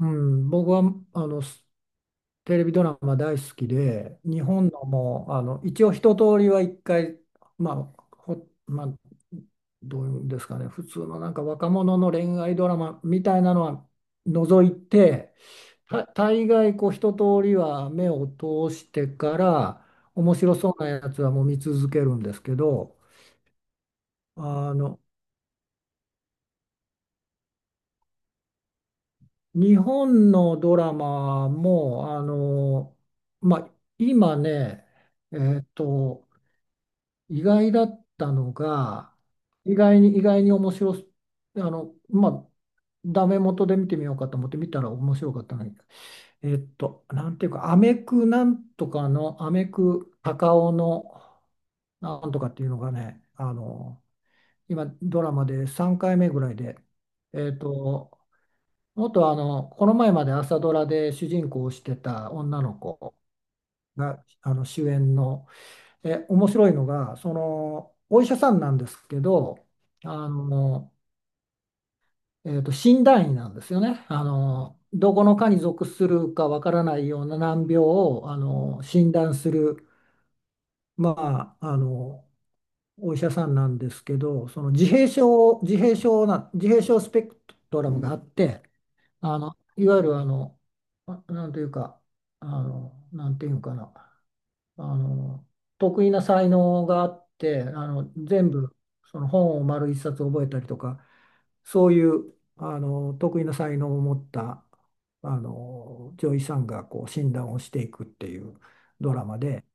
うん、僕はあのすテレビドラマ大好きで、日本のも一応一通りは一回、まあほまあ、どういうんですかね。普通の若者の恋愛ドラマみたいなのは除いて、大概こう一通りは目を通してから、面白そうなやつはもう見続けるんですけど。あの日本のドラマも、まあ、今ね、えっと、意外だったのが、意外に、意外に面白す、あの、まあ、ダメ元で見てみようかと思って見たら面白かったのに、なんていうか、アメクなんとかの、アメク高尾のなんとかっていうのがね、今、ドラマで3回目ぐらいで、えっと、元あの、この前まで朝ドラで主人公をしてた女の子が主演の、え、面白いのが、その、お医者さんなんですけど、あの、診断医なんですよね。どこの科に属するかわからないような難病を診断する、まあ、あの、お医者さんなんですけど、その自閉症、自閉症な、自閉症スペクトラムがあって、いわゆるなんというか、なんていうかな、あの、得意な才能があって、全部、その本を丸一冊覚えたりとか、そういう、得意な才能を持った、女医さんがこう診断をしていくっていうドラマで、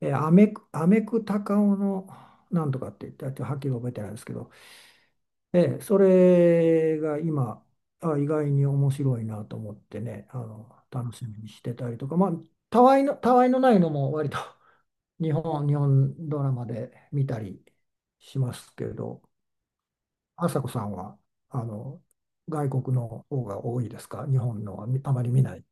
アメクタカオのなんとかって言って、あとはっきり覚えてないですけど、それが今、あ、意外に面白いなと思ってね、楽しみにしてたりとか、たわいのないのも割と 日本ドラマで見たりしますけど。朝子さんは、あの、外国の方が多いですか？日本のはあまり見ない？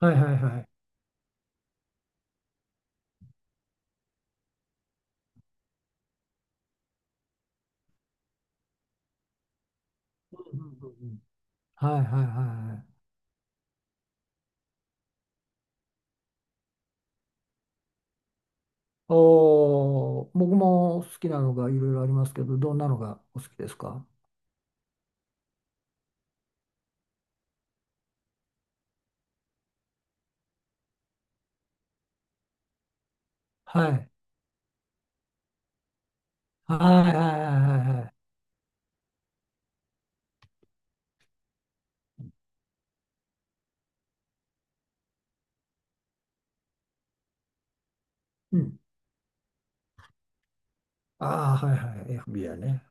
はいはいはい。うんうんうんうん。はいはいはいはい。おー、僕も好きなのがいろいろありますけど、どんなのがお好きですか？はい。はいはいはいはいはい。うん。ああ、はいはい。FBI ね。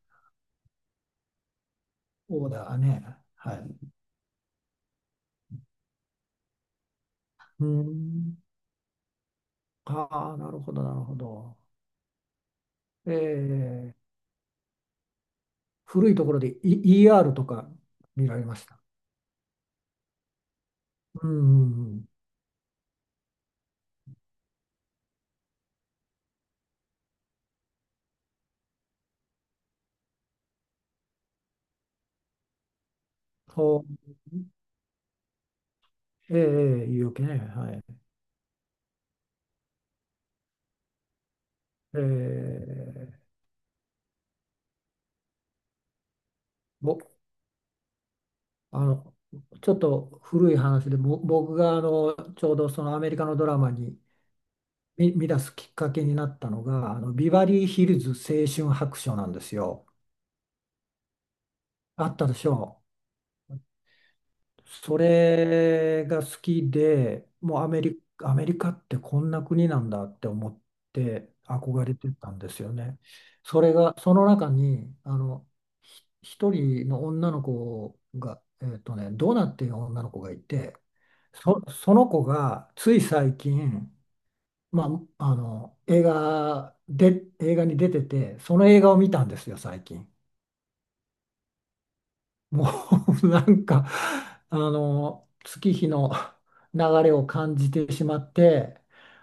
オーダーね。はい。うん。ああ、なるほど、なるほど。えー、古いところで、ER とか？見られました。うんうんうん。ほう。ええ、ええ、言い訳ね。はい。ええ、ぼ、あの、ちょっと古い話で、僕がちょうどそのアメリカのドラマに見出すきっかけになったのが、あのビバリーヒルズ青春白書なんですよ。あったでしょう。それが好きで、もうアメリカってこんな国なんだって思って憧れてたんですよね。それが、その中に、一人の女の子が、ドナっていう女の子がいて、その子がつい最近、ま映画に出てて、その映画を見たんですよ、最近。もう 月日の流れを感じてしまって、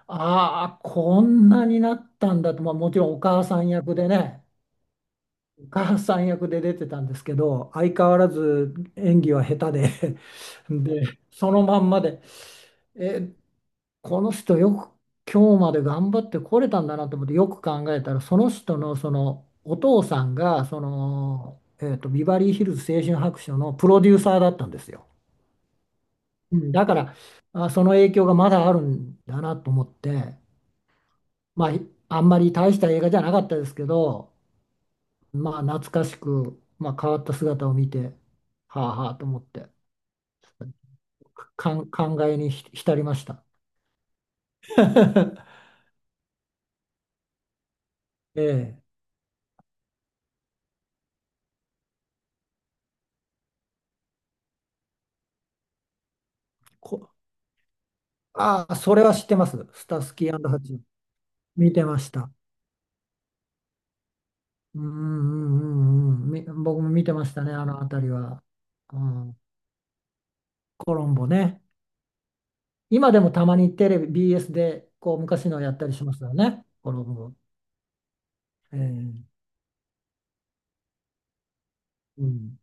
ああ、こんなになったんだと、まあ、もちろんお母さん役でね、お母さん役で出てたんですけど、相変わらず演技は下手で、で、そのまんまで、えこの人よく今日まで頑張ってこれたんだなと思って、よく考えたらその人のそのお父さんがその、ビバリーヒルズ青春白書のプロデューサーだったんですよ。うん、だからその影響がまだあるんだなと思って、まああんまり大した映画じゃなかったですけど、まあ懐かしく、まあ、変わった姿を見てはあはあと思って、感慨に浸りました。ええ、こ、ああ、それは知ってます。スタスキーハチ。見てました。うんうんうんうん。僕も見てましたね、あの辺りは。うん、コロンボね。今でもたまにテレビ、BS でこう昔のやったりしますよね、コロンボ。ええ、うん、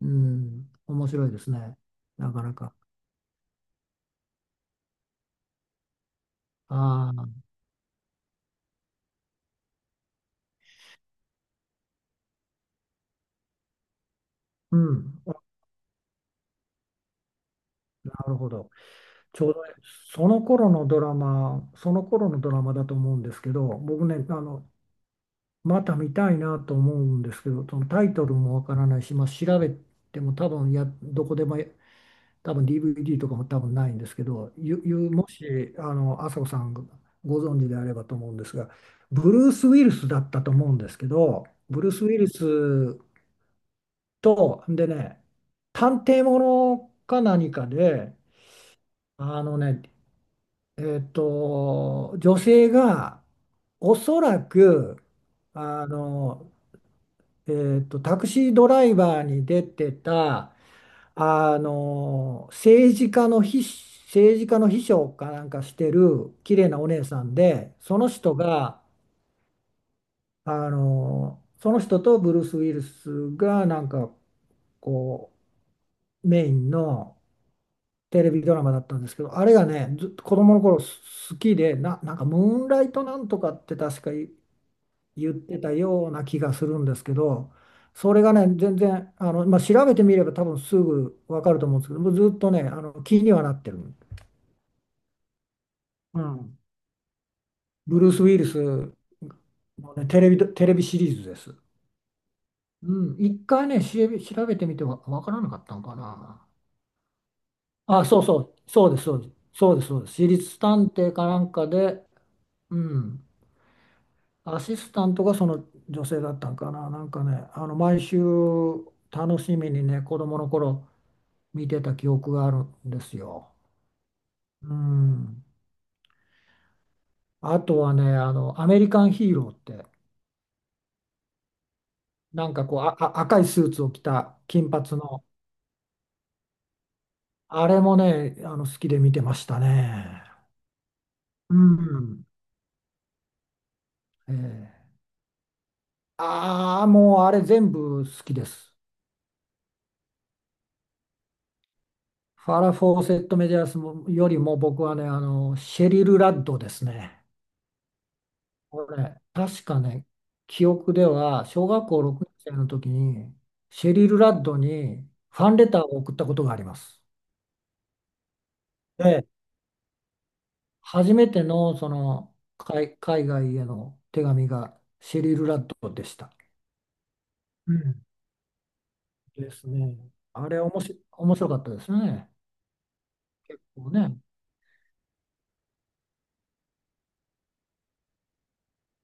うん、面白いですね、なかなか。ああ、うん、なるほど。ちょうどね、その頃のドラマ、だと思うんですけど、僕ね、また見たいなと思うんですけど、そのタイトルもわからないし、まあ、調べても多分や、どこでもや多分 DVD とかも多分ないんですけど、もし、朝子さんがご存知であればと思うんですが、ブルース・ウィルスだったと思うんですけど、ブルース・ウィルスと、でね、探偵ものか何かで、あのね、えっと、女性がおそらく、あのタクシードライバーに出てた、あの、政治家の秘、政治家の秘書かなんかしてる綺麗なお姉さんで、その人が、その人とブルース・ウィルスがなんかこう、メインのテレビドラマだったんですけど、あれがね、ずっと子供の頃好きで、なんかムーンライトなんとかって確か言ってたような気がするんですけど、それがね、全然、調べてみれば多分すぐわかると思うんですけど、もうずっとね、気にはなってる。うん。ブルース・ウィリスの、ね、テレビシリーズです。うん、一回ね、調べてみて、わからなかったのかな。あ、そうそう、そうです、そうです、そうです、そうです。私立探偵かなんかで、うん、アシスタントがその女性だったんかな、なんかね、あの毎週楽しみにね、子供の頃見てた記憶があるんですよ。うん。あとはね、アメリカンヒーローって、なんかこう、赤いスーツを着た金髪の、あれもね、好きで見てましたね。うん。ええ、ああ、もうあれ全部好きです。ファラ・フォーセット・メディアスよりも僕はね、シェリル・ラッドですね。これ、確かね、記憶では、小学校6年生の時に、シェリル・ラッドにファンレターを送ったことがあります。で、初めてのその海外への手紙がシェリル・ラッドでした。うんですね。あれ、おもし、面白かったですね。結構ね。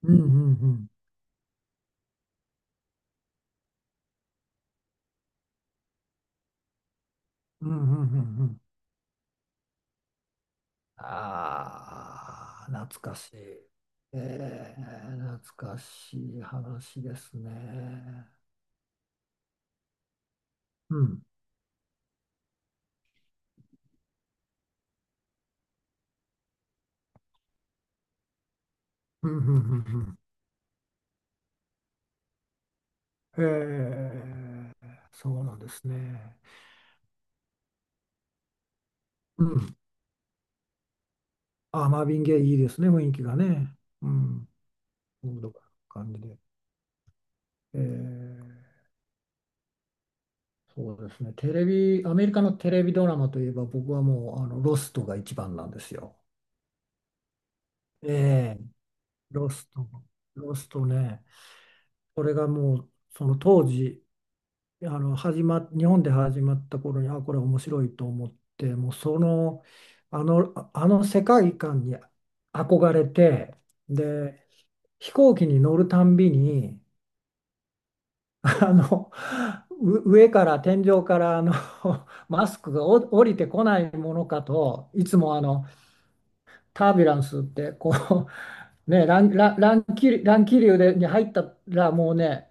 うんうんうん。うんうんうんうん。ああ、懐かしい。えー、懐かしい話ですね。うん。うん。うん。うんうん、へえ、そうなんですね。うん。あ、マービン・ゲイいいですね、雰囲気がね。うん。ムードが感じで。えー、そうですね。テレビ、アメリカのテレビドラマといえば、僕はもう、ロストが一番なんですよ。ええ、ロスト、ロストね。これがもう、その当時、始まっ日本で始まった頃に、これ面白いと思って、もうの世界観に憧れて、で飛行機に乗るたんびに、あのう上から天井からマスクが降りてこないものかといつもタービュランスってこうね、乱気流でに入ったらもうね、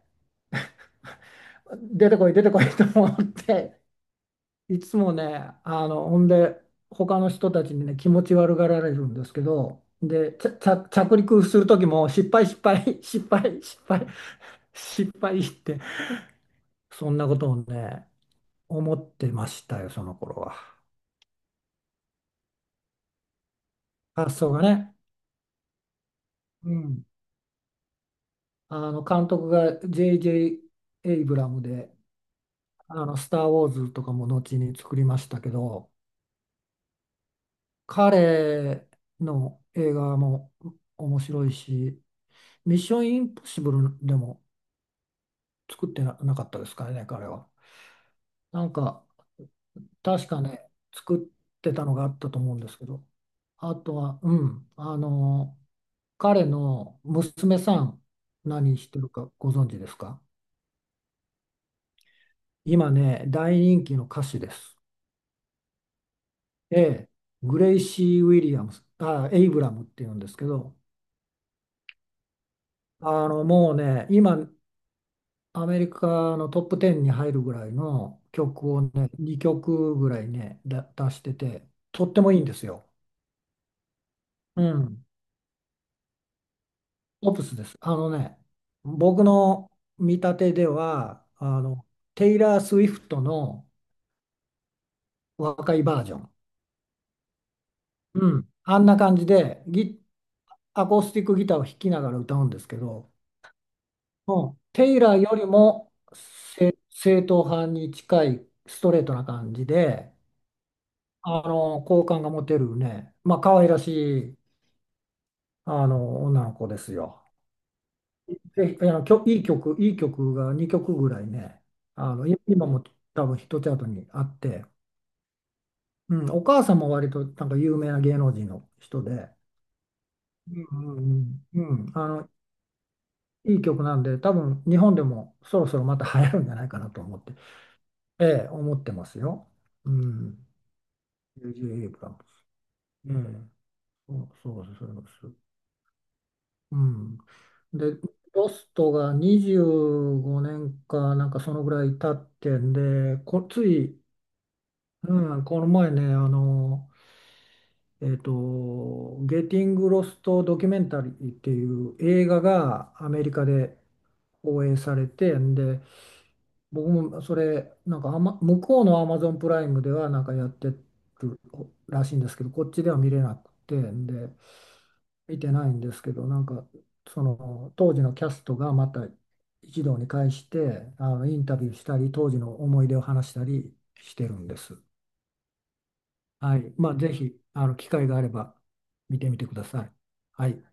出てこい出てこいと思って、いつもね、あの、ほんで、他の人たちにね、気持ち悪がられるんですけど、で、ちゃ、ちゃ、着陸する時も、失敗、失敗、失敗、失敗、失敗って、そんなことをね、思ってましたよ、その頃は。発想がね。うん。監督が J.J. エイブラムで、スター・ウォーズとかも後に作りましたけど、彼の映画も面白いし、ミッションインポッシブルでも、作ってな、なかったですかね、彼は。なんか、確かね、作ってたのがあったと思うんですけど、あとは、うん、彼の娘さん、何してるかご存知ですか？今ね、大人気の歌手です。ええ、グレイシー・ウィリアムス、あ、エイブラムっていうんですけど、もうね、今、アメリカのトップ10に入るぐらいの曲をね、2曲ぐらいね、出してて、とってもいいんですよ。うん、オプスです。あのね、僕の見立てでは、テイラー・スウィフトの若いバージョン。うん。あんな感じでアコースティックギターを弾きながら歌うんですけど、うん、テイラーよりも正統派に近いストレートな感じで、好感が持てるね、まあ、可愛らしい、女の子ですよ。ぜひ、いい曲が2曲ぐらいね、今も多分ヒットチャートにあって、うん、お母さんも割となんか有名な芸能人の人で、うんうんうん、うんいい曲なんで、多分日本でもそろそろまた流行るんじゃないかなと思って、ええ、思ってますよ。うん、JJ エイブラムス。ええ、そうそうですそうです。うん。で、ロストが25年かなんかそのぐらい経ってんで、こ、ついうん、この前ね、ゲーティング・ロスト・ドキュメンタリーっていう映画がアメリカで放映されて、んで、僕もそれ、なんかアマ、向こうのアマゾンプライムではなんかやってるらしいんですけど、こっちでは見れなくて、んで、見てないんですけど、なんか、その当時のキャストがまた一堂に会して、インタビューしたり、当時の思い出を話したりしてるんです。はい。まあ、ぜひ、機会があれば見てみてください。はい。